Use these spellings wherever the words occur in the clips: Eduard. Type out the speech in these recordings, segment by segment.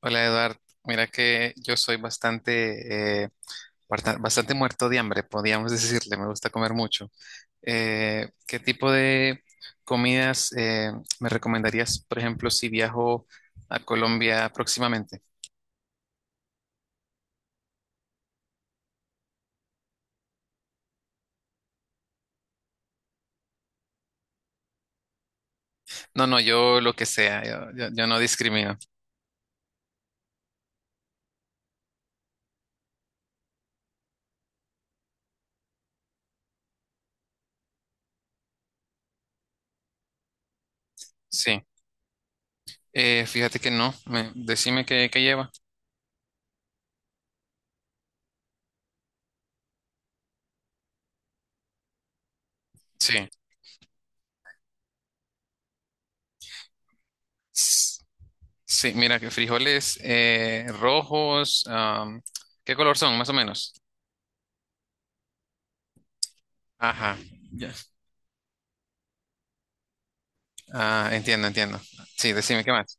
Hola Eduard, mira que yo soy bastante, bastante muerto de hambre, podríamos decirle, me gusta comer mucho. ¿Qué tipo de comidas me recomendarías, por ejemplo, si viajo a Colombia próximamente? No, no, yo lo que sea, yo no discrimino. Sí. Fíjate que no, decime qué lleva. Sí. S- sí, mira que frijoles rojos, ¿qué color son, más o menos? Ajá. Ya. Ah, entiendo, entiendo. Sí, decime, ¿qué más?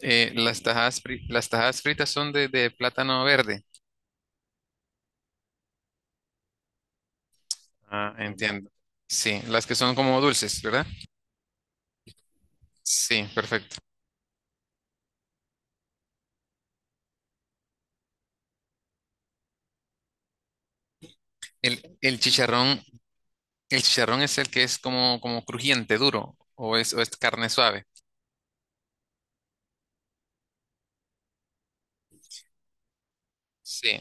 Las las tajadas fritas son de plátano verde. Ah, entiendo. Sí, las que son como dulces, ¿verdad? Sí, perfecto. El chicharrón, el chicharrón es el que es como, como crujiente, duro, o es carne suave. Sí.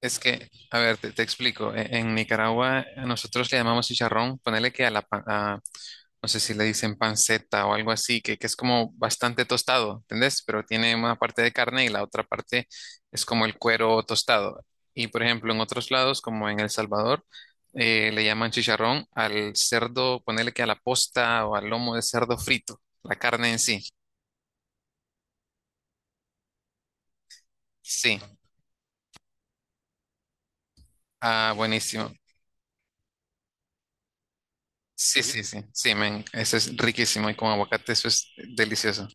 Es que, a ver, te explico. En Nicaragua a nosotros le llamamos chicharrón, ponele que a la, no sé si le dicen panceta o algo así, que es como bastante tostado, ¿entendés? Pero tiene una parte de carne y la otra parte es como el cuero tostado. Y por ejemplo, en otros lados, como en El Salvador, le llaman chicharrón al cerdo, ponele que a la posta o al lomo de cerdo frito, la carne en sí. Sí. Ah, buenísimo. Sí, sí, sí, sí, men, eso es riquísimo y con aguacate eso es delicioso.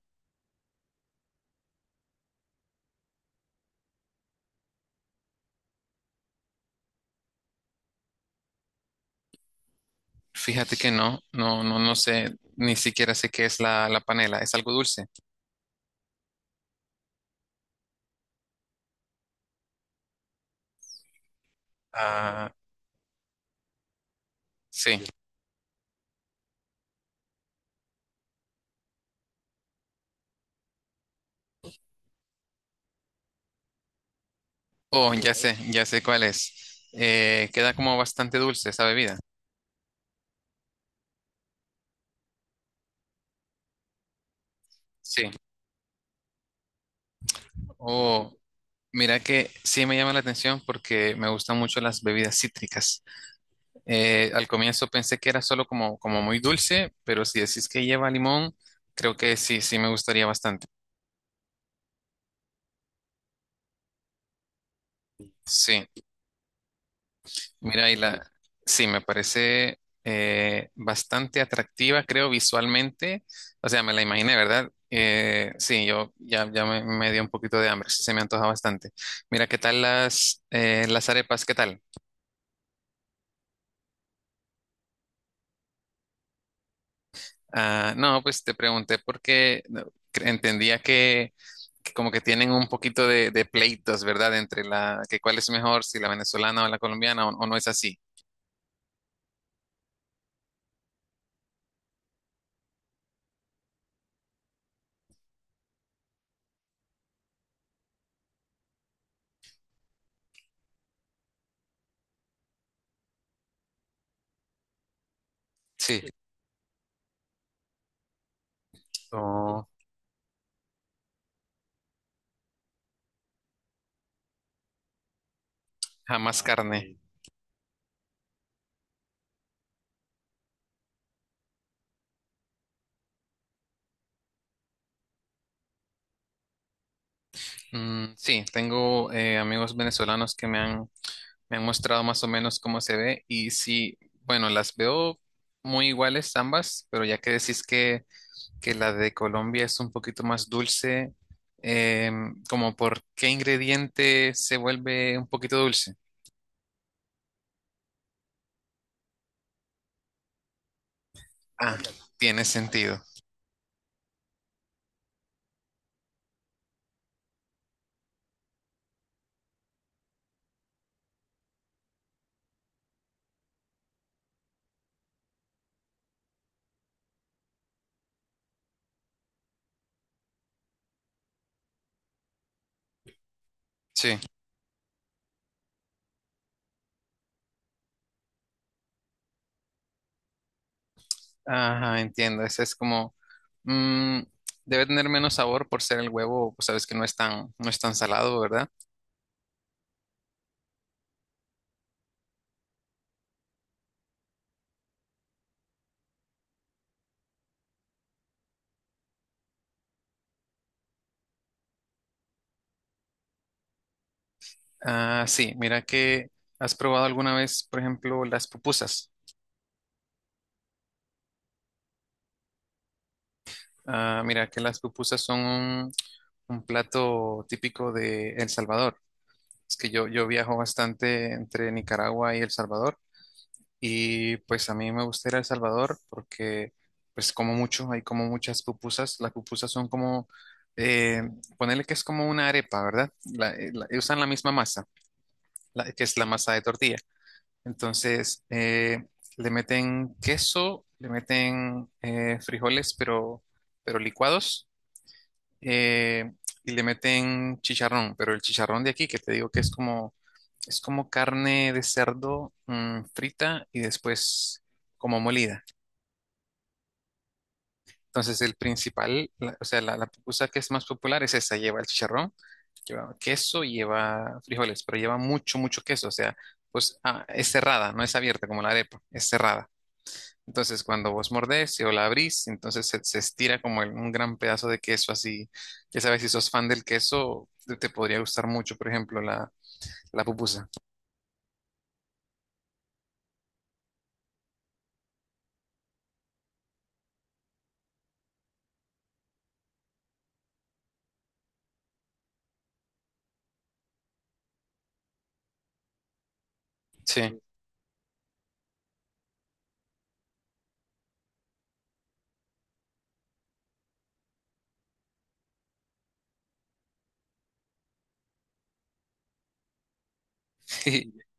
Fíjate que no, no, no, no sé, ni siquiera sé qué es la panela, es algo dulce. Ah, sí. Oh, ya sé cuál es. Queda como bastante dulce esa bebida. Sí. Oh, mira que sí me llama la atención porque me gustan mucho las bebidas cítricas. Al comienzo pensé que era solo como, como muy dulce, pero si decís que lleva limón, creo que sí, sí me gustaría bastante. Sí. Mira, sí, me parece bastante atractiva, creo, visualmente. O sea, me la imaginé, ¿verdad? Sí, yo ya, me dio un poquito de hambre, sí, se me antoja bastante. Mira, ¿qué tal las arepas? ¿Qué tal? Ah, no, pues te pregunté porque no, cre- entendía que como que tienen un poquito de pleitos, ¿verdad? Entre la, que cuál es mejor, si la venezolana o la colombiana, o no es así. Sí. O jamás carne. Mm, sí, tengo amigos venezolanos que me me han mostrado más o menos cómo se ve y sí, bueno, las veo muy iguales ambas, pero ya que decís que la de Colombia es un poquito más dulce, como por qué ingrediente se vuelve un poquito dulce. Ah, tiene sentido. Sí, ajá, entiendo. Ese es como, mm, debe tener menos sabor por ser el huevo, pues sabes que no es tan, no es tan salado, ¿verdad? Ah, sí, mira que has probado alguna vez, por ejemplo, las pupusas. Ah, mira que las pupusas son un plato típico de El Salvador. Es que yo viajo bastante entre Nicaragua y El Salvador y pues a mí me gusta ir a El Salvador porque pues como mucho, hay como muchas pupusas. Las pupusas son como, eh, ponerle que es como una arepa, ¿verdad? Usan la misma masa, que es la masa de tortilla. Entonces, le meten queso, le meten frijoles, pero licuados, eh, y le meten chicharrón, pero el chicharrón de aquí, que te digo que es como carne de cerdo frita y después como molida. Entonces, o sea, la pupusa que es más popular es esa, lleva el chicharrón, lleva queso y lleva frijoles, pero lleva mucho, mucho queso, o sea, pues ah, es cerrada, no es abierta como la arepa, es cerrada. Entonces, cuando vos mordés o la abrís, entonces se estira como un gran pedazo de queso así. Ya sabes, si sos fan del queso, te podría gustar mucho, por ejemplo, la pupusa. Sí.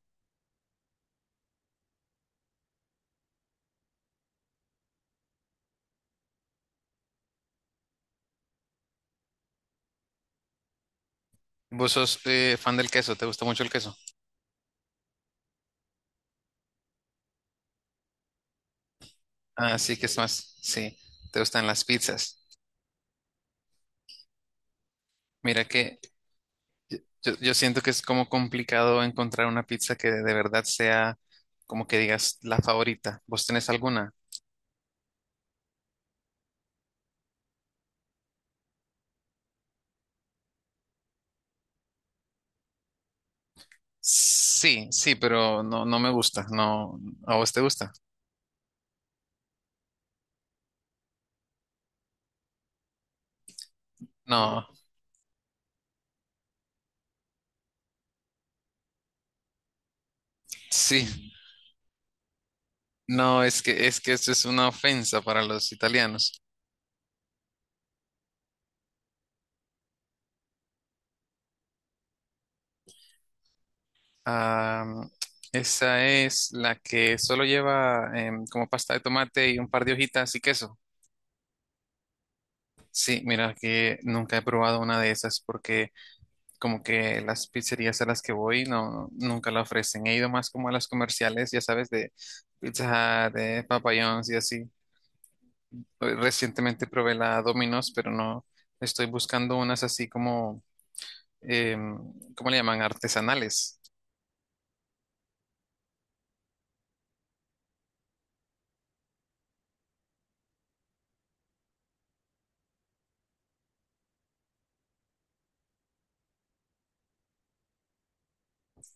¿Vos sos fan del queso? ¿Te gusta mucho el queso? Ah, sí, que es más. Sí, te gustan las pizzas. Mira que yo siento que es como complicado encontrar una pizza que de verdad sea como que digas la favorita. ¿Vos tenés alguna? Sí, sí, pero no, no me gusta. No, ¿a vos te gusta? No. Sí, no, es que esto es una ofensa para los italianos. Ah, esa es la que solo lleva como pasta de tomate y un par de hojitas y queso. Sí, mira que nunca he probado una de esas porque como que las pizzerías a las que voy nunca la ofrecen. He ido más como a las comerciales, ya sabes, de Pizza Hut, de Papa John's y así. Hoy Recientemente probé la Domino's, pero no estoy buscando unas así como em, ¿cómo le llaman? Artesanales.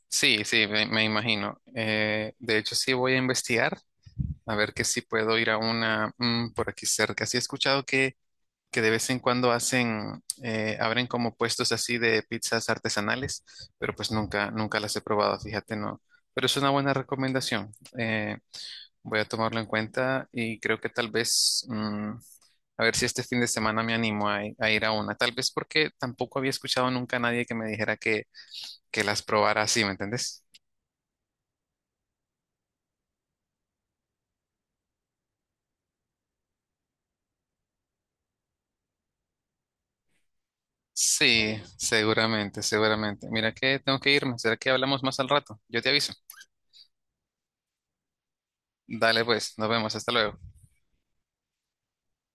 Sí, sí, me imagino. De hecho, sí voy a investigar a ver que si puedo ir a una mm, por aquí cerca. Sí he escuchado que de vez en cuando hacen, abren como puestos así de pizzas artesanales, pero pues nunca, nunca las he probado, fíjate, no. Pero es una buena recomendación. Eh, Voy a tomarlo en cuenta y creo que tal vez, mm, a ver si este fin de semana me animo a ir a una. Tal vez porque tampoco había escuchado nunca a nadie que me dijera que las probara así, ¿me entendés? Sí, seguramente, seguramente. Mira que tengo que irme. ¿Será que hablamos más al rato? Yo te aviso. Dale pues, nos vemos, hasta luego.